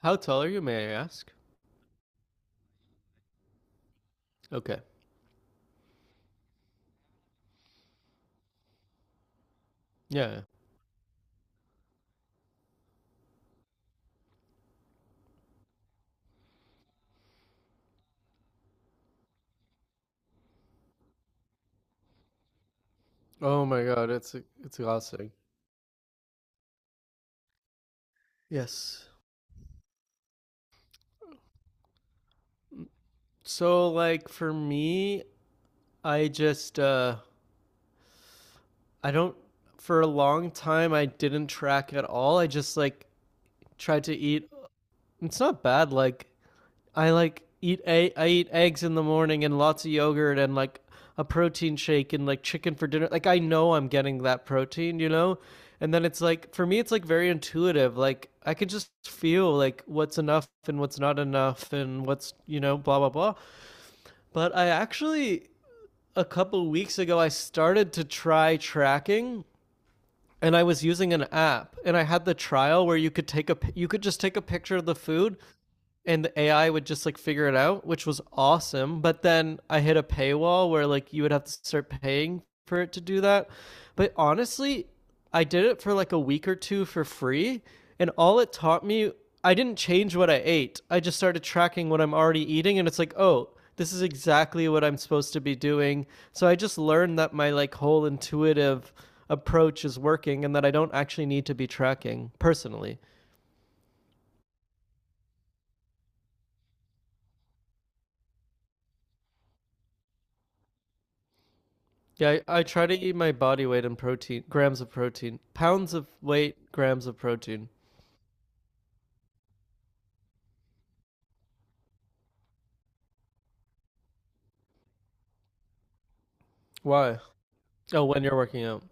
How tall are you, may I ask? Okay. Yeah. Oh my god, it's exhausting. Yes. So like for me, I just I don't for a long time I didn't track at all. I just like tried to eat. It's not bad. Like, I eat eggs in the morning and lots of yogurt and like a protein shake and like chicken for dinner. Like, I know I'm getting that protein, you know? And then it's like for me it's like very intuitive. Like, I could just feel like what's enough and what's not enough and what's, blah blah blah. But I actually, a couple weeks ago, I started to try tracking, and I was using an app, and I had the trial where you could just take a picture of the food, and the AI would just like figure it out, which was awesome. But then I hit a paywall where like you would have to start paying for it to do that. But honestly, I did it for like a week or two for free, and all it taught me, I didn't change what I ate. I just started tracking what I'm already eating, and it's like, oh, this is exactly what I'm supposed to be doing. So I just learned that my like whole intuitive approach is working, and that I don't actually need to be tracking personally. Yeah, I try to eat my body weight in protein, grams of protein, pounds of weight, grams of protein. Why? Oh, when you're working out.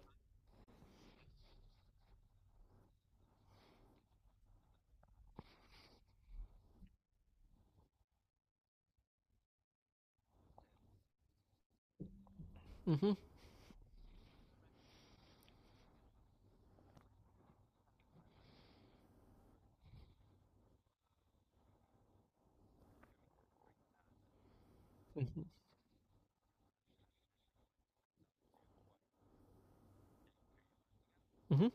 Mm-hmm. Mm-hmm. Mm-hmm.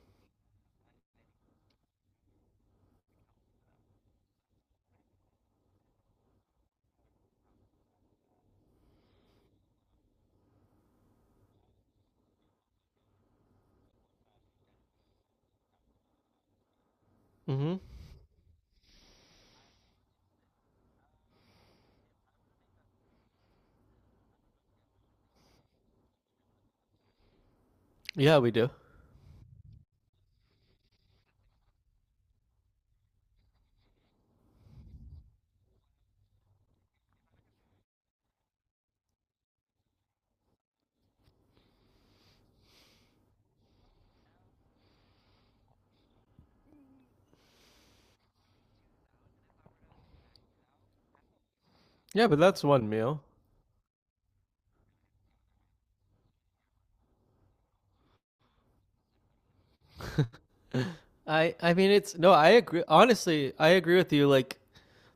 Mm-hmm. Yeah, we do. Yeah, but that's one meal. I mean it's, no, I agree, honestly I agree with you. Like,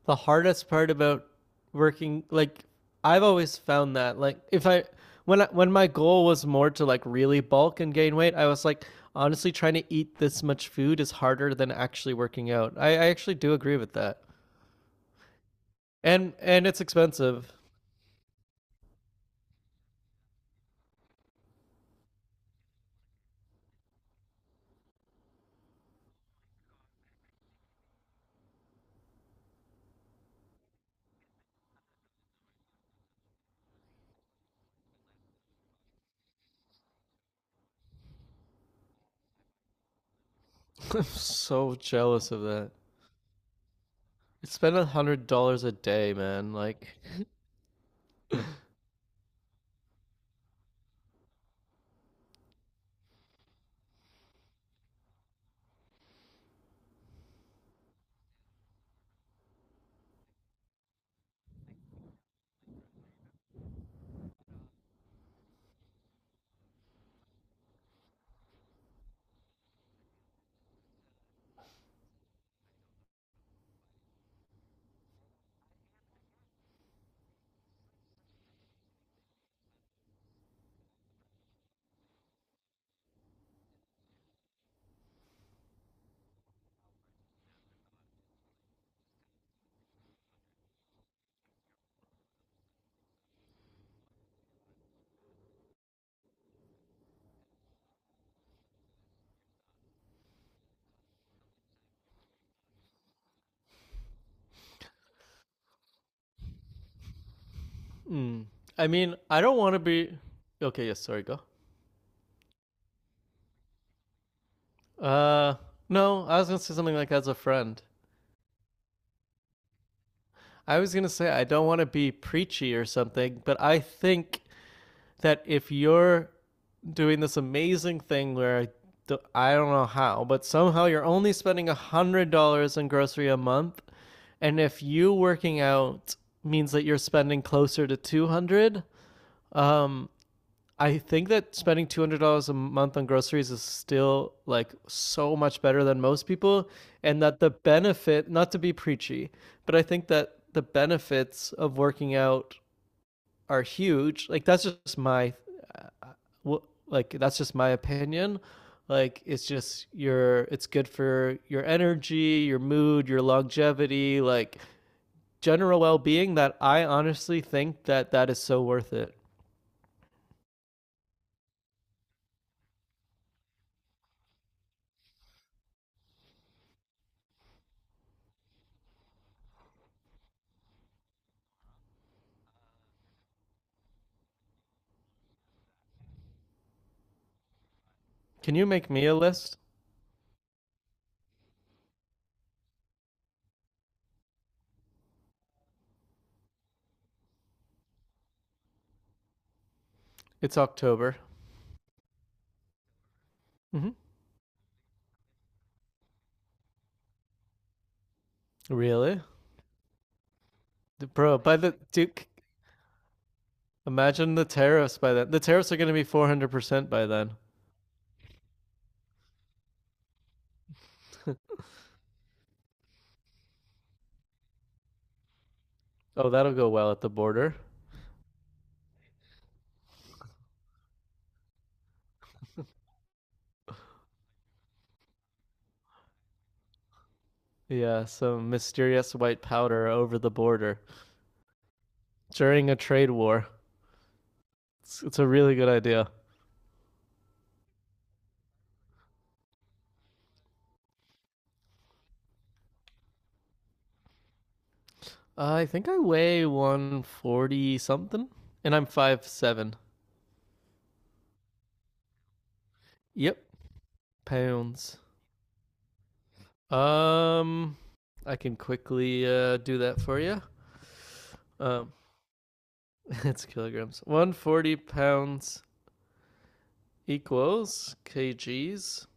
the hardest part about working, like, I've always found that, like, if I when I, when my goal was more to like really bulk and gain weight, I was like honestly trying to eat this much food is harder than actually working out. I actually do agree with that. And it's expensive. I'm so jealous of that. I spend $100 a day, man. Like, mm. I mean, I don't want to be. Okay, yes, sorry, go. Uh, no, I was gonna say something like as a friend. I was gonna say I don't want to be preachy or something, but I think that if you're doing this amazing thing where I don't know how, but somehow you're only spending $100 on grocery a month, and if you working out means that you're spending closer to 200, um, I think that spending $200 a month on groceries is still like so much better than most people, and that the benefit, not to be preachy, but I think that the benefits of working out are huge. Uh, like that's just my opinion. Like it's good for your energy, your mood, your longevity, like general well-being. That I honestly think that that is so worth it. Can you make me a list? It's October. Hmm. Really? Bro, by the Duke, imagine the tariffs by then. The tariffs are going to be 400% by then. Oh, that'll go well at the border. Yeah, some mysterious white powder over the border during a trade war. It's a really good idea. I think I weigh 140 something, and I'm 5'7". Yep, pounds. Um, I can quickly do that for you. Um, it's kilograms. 140 pounds equals kgs,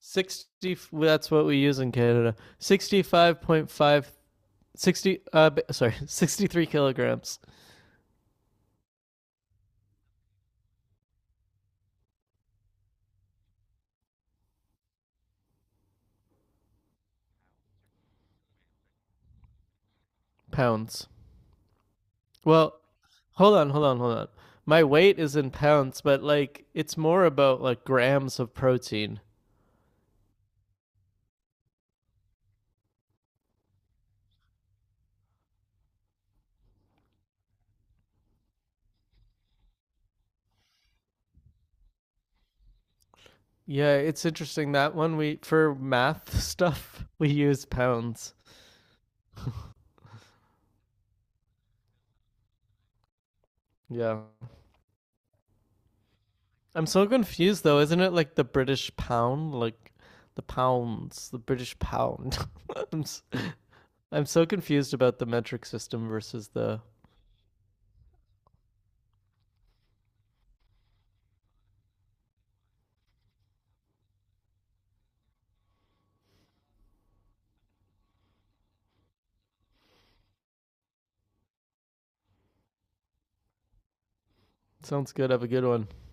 60. Well, that's what we use in Canada. 65.5, 60. Sorry, 63 kilograms. Pounds. Well, hold on, hold on, hold on. My weight is in pounds, but like it's more about like grams of protein. Yeah, it's interesting that one, we for math stuff, we use pounds. Yeah, I'm so confused though. Isn't it like the British pound? Like, the British pound. I'm s- I'm so confused about the metric system versus the. Sounds good. Have a good one.